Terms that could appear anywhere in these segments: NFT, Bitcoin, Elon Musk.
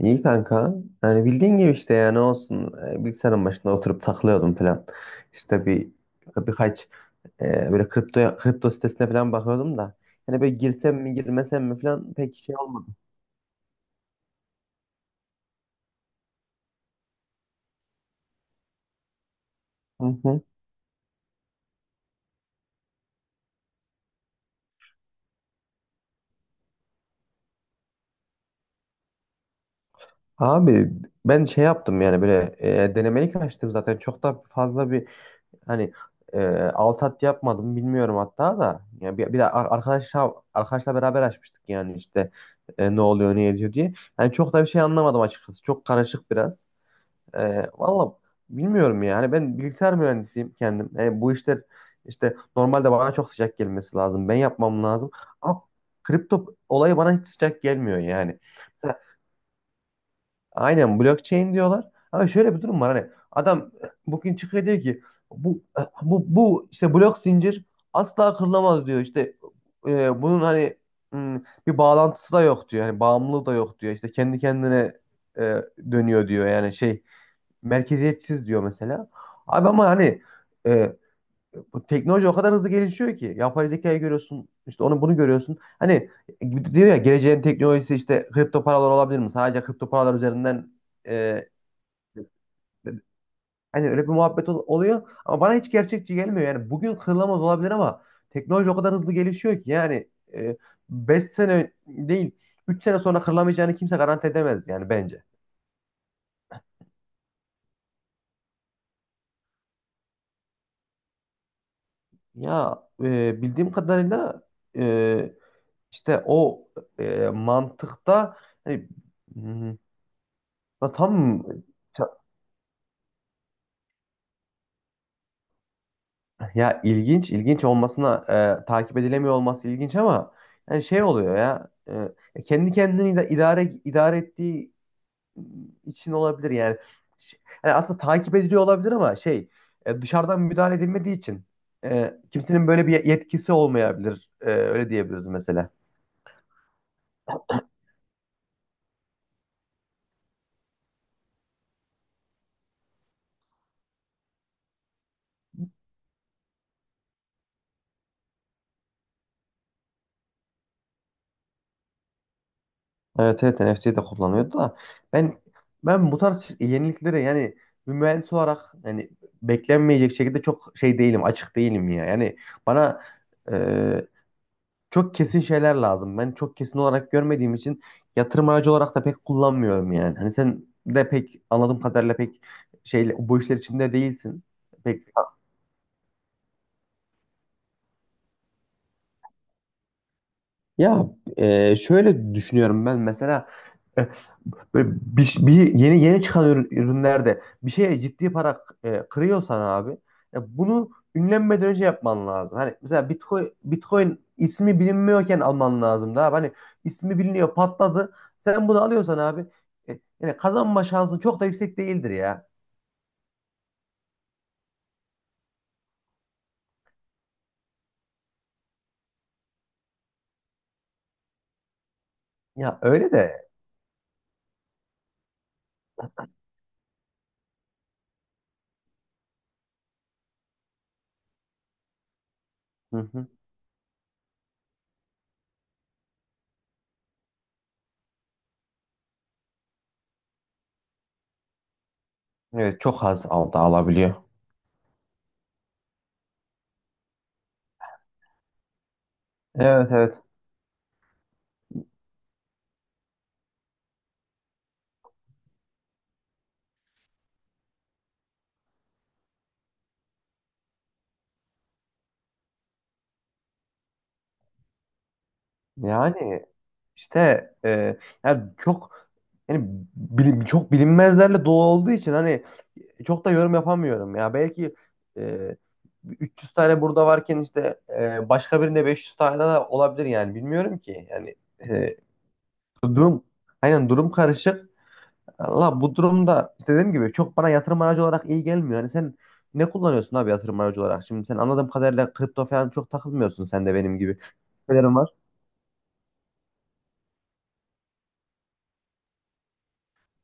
İyi kanka. Yani bildiğin gibi işte ya ne olsun bilgisayarın başında oturup takılıyordum falan. İşte birkaç böyle kripto sitesine falan bakıyordum da. Hani böyle girsem mi girmesem mi falan pek şey olmadı. Hı hı. Abi ben şey yaptım yani böyle denemelik açtım, zaten çok da fazla bir hani e, alt at yapmadım, bilmiyorum hatta da. Yani bir de arkadaşla beraber açmıştık yani işte ne oluyor ne ediyor diye. Yani çok da bir şey anlamadım açıkçası, çok karışık biraz. E, valla bilmiyorum yani, ben bilgisayar mühendisiyim kendim. Bu işler işte normalde bana çok sıcak gelmesi lazım. Ben yapmam lazım. Ama kripto olayı bana hiç sıcak gelmiyor yani. Mesela aynen blockchain diyorlar. Ama şöyle bir durum var, hani adam bugün çıkıyor diyor ki bu bu işte blok zincir asla kırılamaz diyor. İşte bunun hani hmm, bir bağlantısı da yok diyor. Hani bağımlılığı da yok diyor. İşte kendi kendine e, dönüyor diyor. Yani şey, merkeziyetsiz diyor mesela. Abi ama hani e, bu teknoloji o kadar hızlı gelişiyor ki, yapay zekayı görüyorsun, işte onu bunu görüyorsun. Hani diyor ya, geleceğin teknolojisi işte kripto paralar olabilir mi? Sadece kripto paralar üzerinden e, hani öyle bir muhabbet oluyor ama bana hiç gerçekçi gelmiyor. Yani bugün kırılamaz olabilir ama teknoloji o kadar hızlı gelişiyor ki yani e, 5 sene değil, 3 sene sonra kırılamayacağını kimse garanti edemez yani bence. Ya bildiğim kadarıyla e, İşte o mantıkta hani, hmm, ya tam, ya ilginç, ilginç olmasına takip edilemiyor olması ilginç ama yani şey oluyor ya, kendi kendini idare ettiği için olabilir yani. Ş- Yani aslında takip ediliyor olabilir ama şey, dışarıdan müdahale edilmediği için kimsenin böyle bir yetkisi olmayabilir. Öyle diyebiliriz mesela. Evet, evet, NFT'yi de kullanıyordu da ben ben bu tarz yeniliklere yani, bir mühendis olarak yani beklenmeyecek şekilde çok şey değilim, açık değilim ya yani, bana e, çok kesin şeyler lazım, ben çok kesin olarak görmediğim için yatırım aracı olarak da pek kullanmıyorum, yani hani sen de pek anladığım kadarıyla pek şeyle bu işler içinde değilsin pek, ya şöyle düşünüyorum ben mesela. Böyle bir yeni yeni çıkan ürünlerde bir şeye ciddi para kırıyorsan abi, ya bunu ünlenmeden önce yapman lazım. Hani mesela Bitcoin ismi bilinmiyorken alman lazım da abi. Hani ismi biliniyor, patladı. Sen bunu alıyorsan abi, yani kazanma şansın çok da yüksek değildir ya. Ya öyle de. Hı hı. Evet, çok az alabiliyor. Evet, evet. Yani İşte yani çok, yani bilim, çok bilinmezlerle dolu olduğu için hani çok da yorum yapamıyorum ya. Belki e, 300 tane burada varken işte başka birinde 500 tane de olabilir yani, bilmiyorum ki. Yani e, durum, aynen, durum karışık. Allah, bu durumda işte dediğim gibi çok bana yatırım aracı olarak iyi gelmiyor. Hani sen ne kullanıyorsun abi yatırım aracı olarak? Şimdi sen anladığım kadarıyla kripto falan çok takılmıyorsun sen de benim gibi.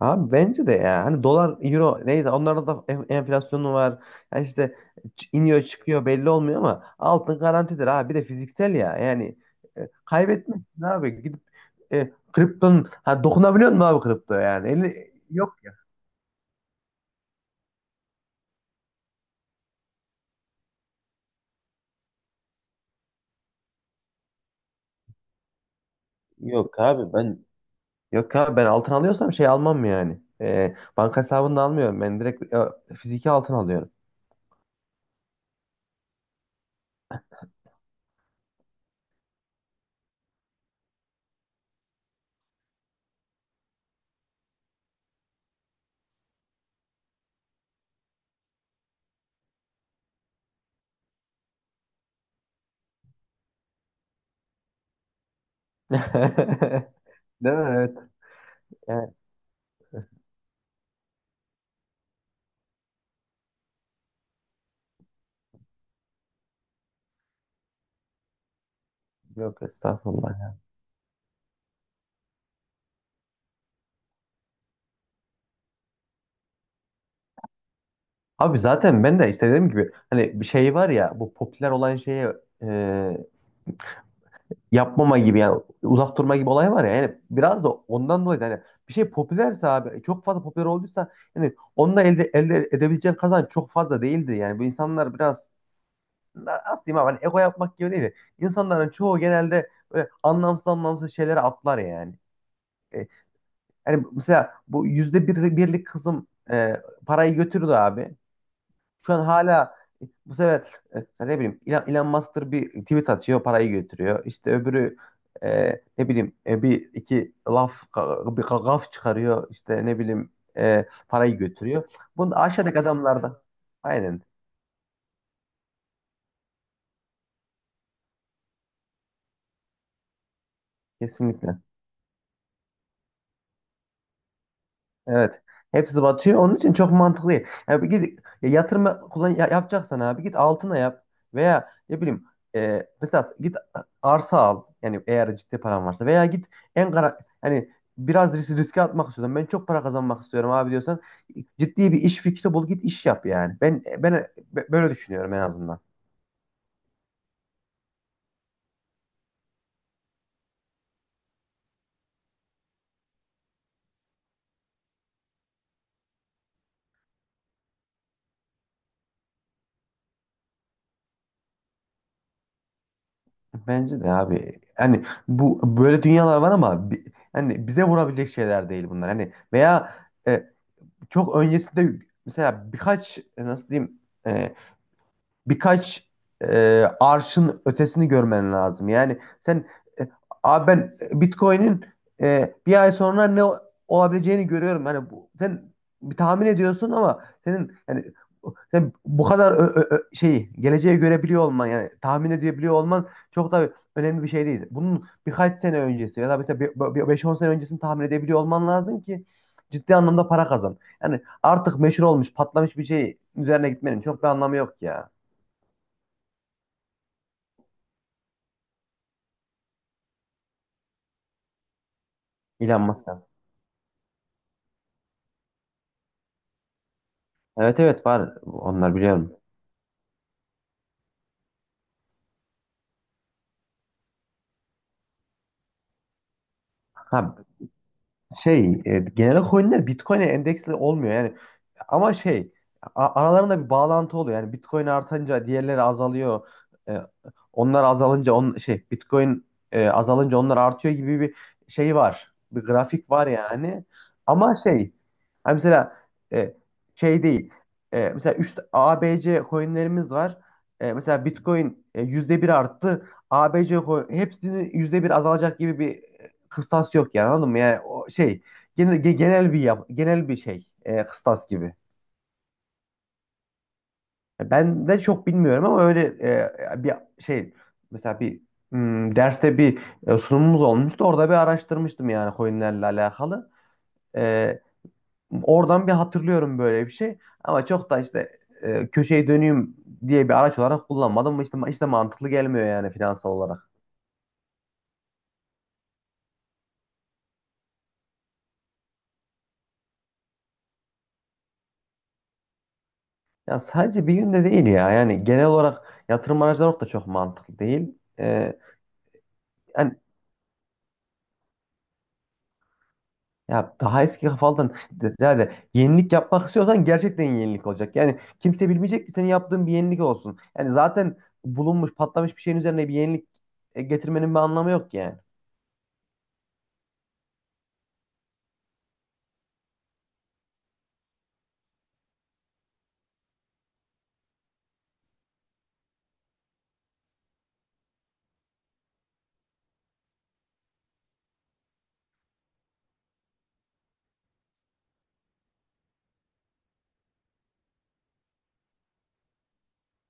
Abi bence de ya. Hani dolar, euro neyse onlarda da enflasyonu var. Ya işte iniyor çıkıyor, belli olmuyor ama altın garantidir abi. Bir de fiziksel ya. Yani kaybetmezsin abi. Gidip kriptonun, ha, dokunabiliyor musun abi kripto yani? Eli, yok. Yok abi ben yok abi ben altın alıyorsam şey almam yani. Banka hesabında almıyorum. Ben direkt fiziki altın alıyorum. Değil mi? Evet. Yani, yok estağfurullah. Abi zaten ben de işte dediğim gibi hani bir şey var ya, bu popüler olan şeye e, yapmama gibi yani uzak durma gibi olay var ya, yani biraz da ondan dolayı da hani bir şey popülerse abi, çok fazla popüler olduysa yani onunla elde edebileceğin kazanç çok fazla değildi, yani bu insanlar biraz nasıl diyeyim abi, hani ego yapmak gibi değildi. İnsanların çoğu genelde böyle anlamsız anlamsız şeylere atlar yani. E, yani mesela bu %1'lik kızım parayı götürdü abi. Şu an hala bu sefer mesela ne bileyim Elon Musk'tır, bir tweet atıyor, parayı götürüyor. İşte öbürü ne bileyim bir iki laf gaf çıkarıyor, işte ne bileyim parayı götürüyor. Bunu aşağıdaki adamlarda aynen, kesinlikle. Evet. Hepsi batıyor. Onun için çok mantıklı değil. Yani bir, git ya yatırım kullan yapacaksan abi git altına yap, veya ne bileyim mesela git arsa al. Yani eğer ciddi paran varsa, veya git en kara hani biraz riske atmak istiyorum, ben çok para kazanmak istiyorum abi diyorsan ciddi bir iş fikri bul, git iş yap yani. Ben böyle düşünüyorum en azından. Bence de abi. Hani bu böyle dünyalar var ama hani bize vurabilecek şeyler değil bunlar. Hani veya e, çok öncesinde mesela birkaç nasıl diyeyim e, birkaç arşın ötesini görmen lazım. Yani sen e, abi ben Bitcoin'in bir ay sonra ne olabileceğini görüyorum. Hani bu, sen bir tahmin ediyorsun ama senin yani, sen bu kadar şeyi geleceğe görebiliyor olman yani tahmin edebiliyor olman çok da önemli bir şey değil. Bunun birkaç sene öncesi ya da mesela 5-10 sene öncesini tahmin edebiliyor olman lazım ki ciddi anlamda para kazan. Yani artık meşhur olmuş, patlamış bir şey üzerine gitmenin çok bir anlamı yok ya. Elon Musk. Evet, evet, var, onlar biliyorum. Ha şey, genel olarak coinler Bitcoin'e endeksli olmuyor. Yani. Ama şey, aralarında bir bağlantı oluyor. Yani Bitcoin artınca diğerleri azalıyor. E, onlar azalınca şey, Bitcoin azalınca onlar artıyor gibi bir şey var. Bir grafik var yani. Ama şey hani mesela e, şey değil. Mesela 3 ABC coinlerimiz var. Mesela Bitcoin %1 arttı. ABC coin hepsini %1 azalacak gibi bir kıstas yok yani, anladın mı? Yani o şey, genel bir genel bir şey, kıstas gibi. Ben de çok bilmiyorum ama öyle bir şey, mesela bir derste bir sunumumuz olmuştu. Orada bir araştırmıştım yani coinlerle alakalı. E, oradan bir hatırlıyorum böyle bir şey. Ama çok da işte köşeyi döneyim diye bir araç olarak kullanmadım. Ama işte mantıklı gelmiyor yani finansal olarak. Ya sadece bir günde değil ya. Yani genel olarak yatırım araçları da çok mantıklı değil. E, yani, ya daha eski kafalıdan, yani yenilik yapmak istiyorsan gerçekten yenilik olacak. Yani kimse bilmeyecek ki senin yaptığın bir yenilik olsun. Yani zaten bulunmuş, patlamış bir şeyin üzerine bir yenilik getirmenin bir anlamı yok ki yani.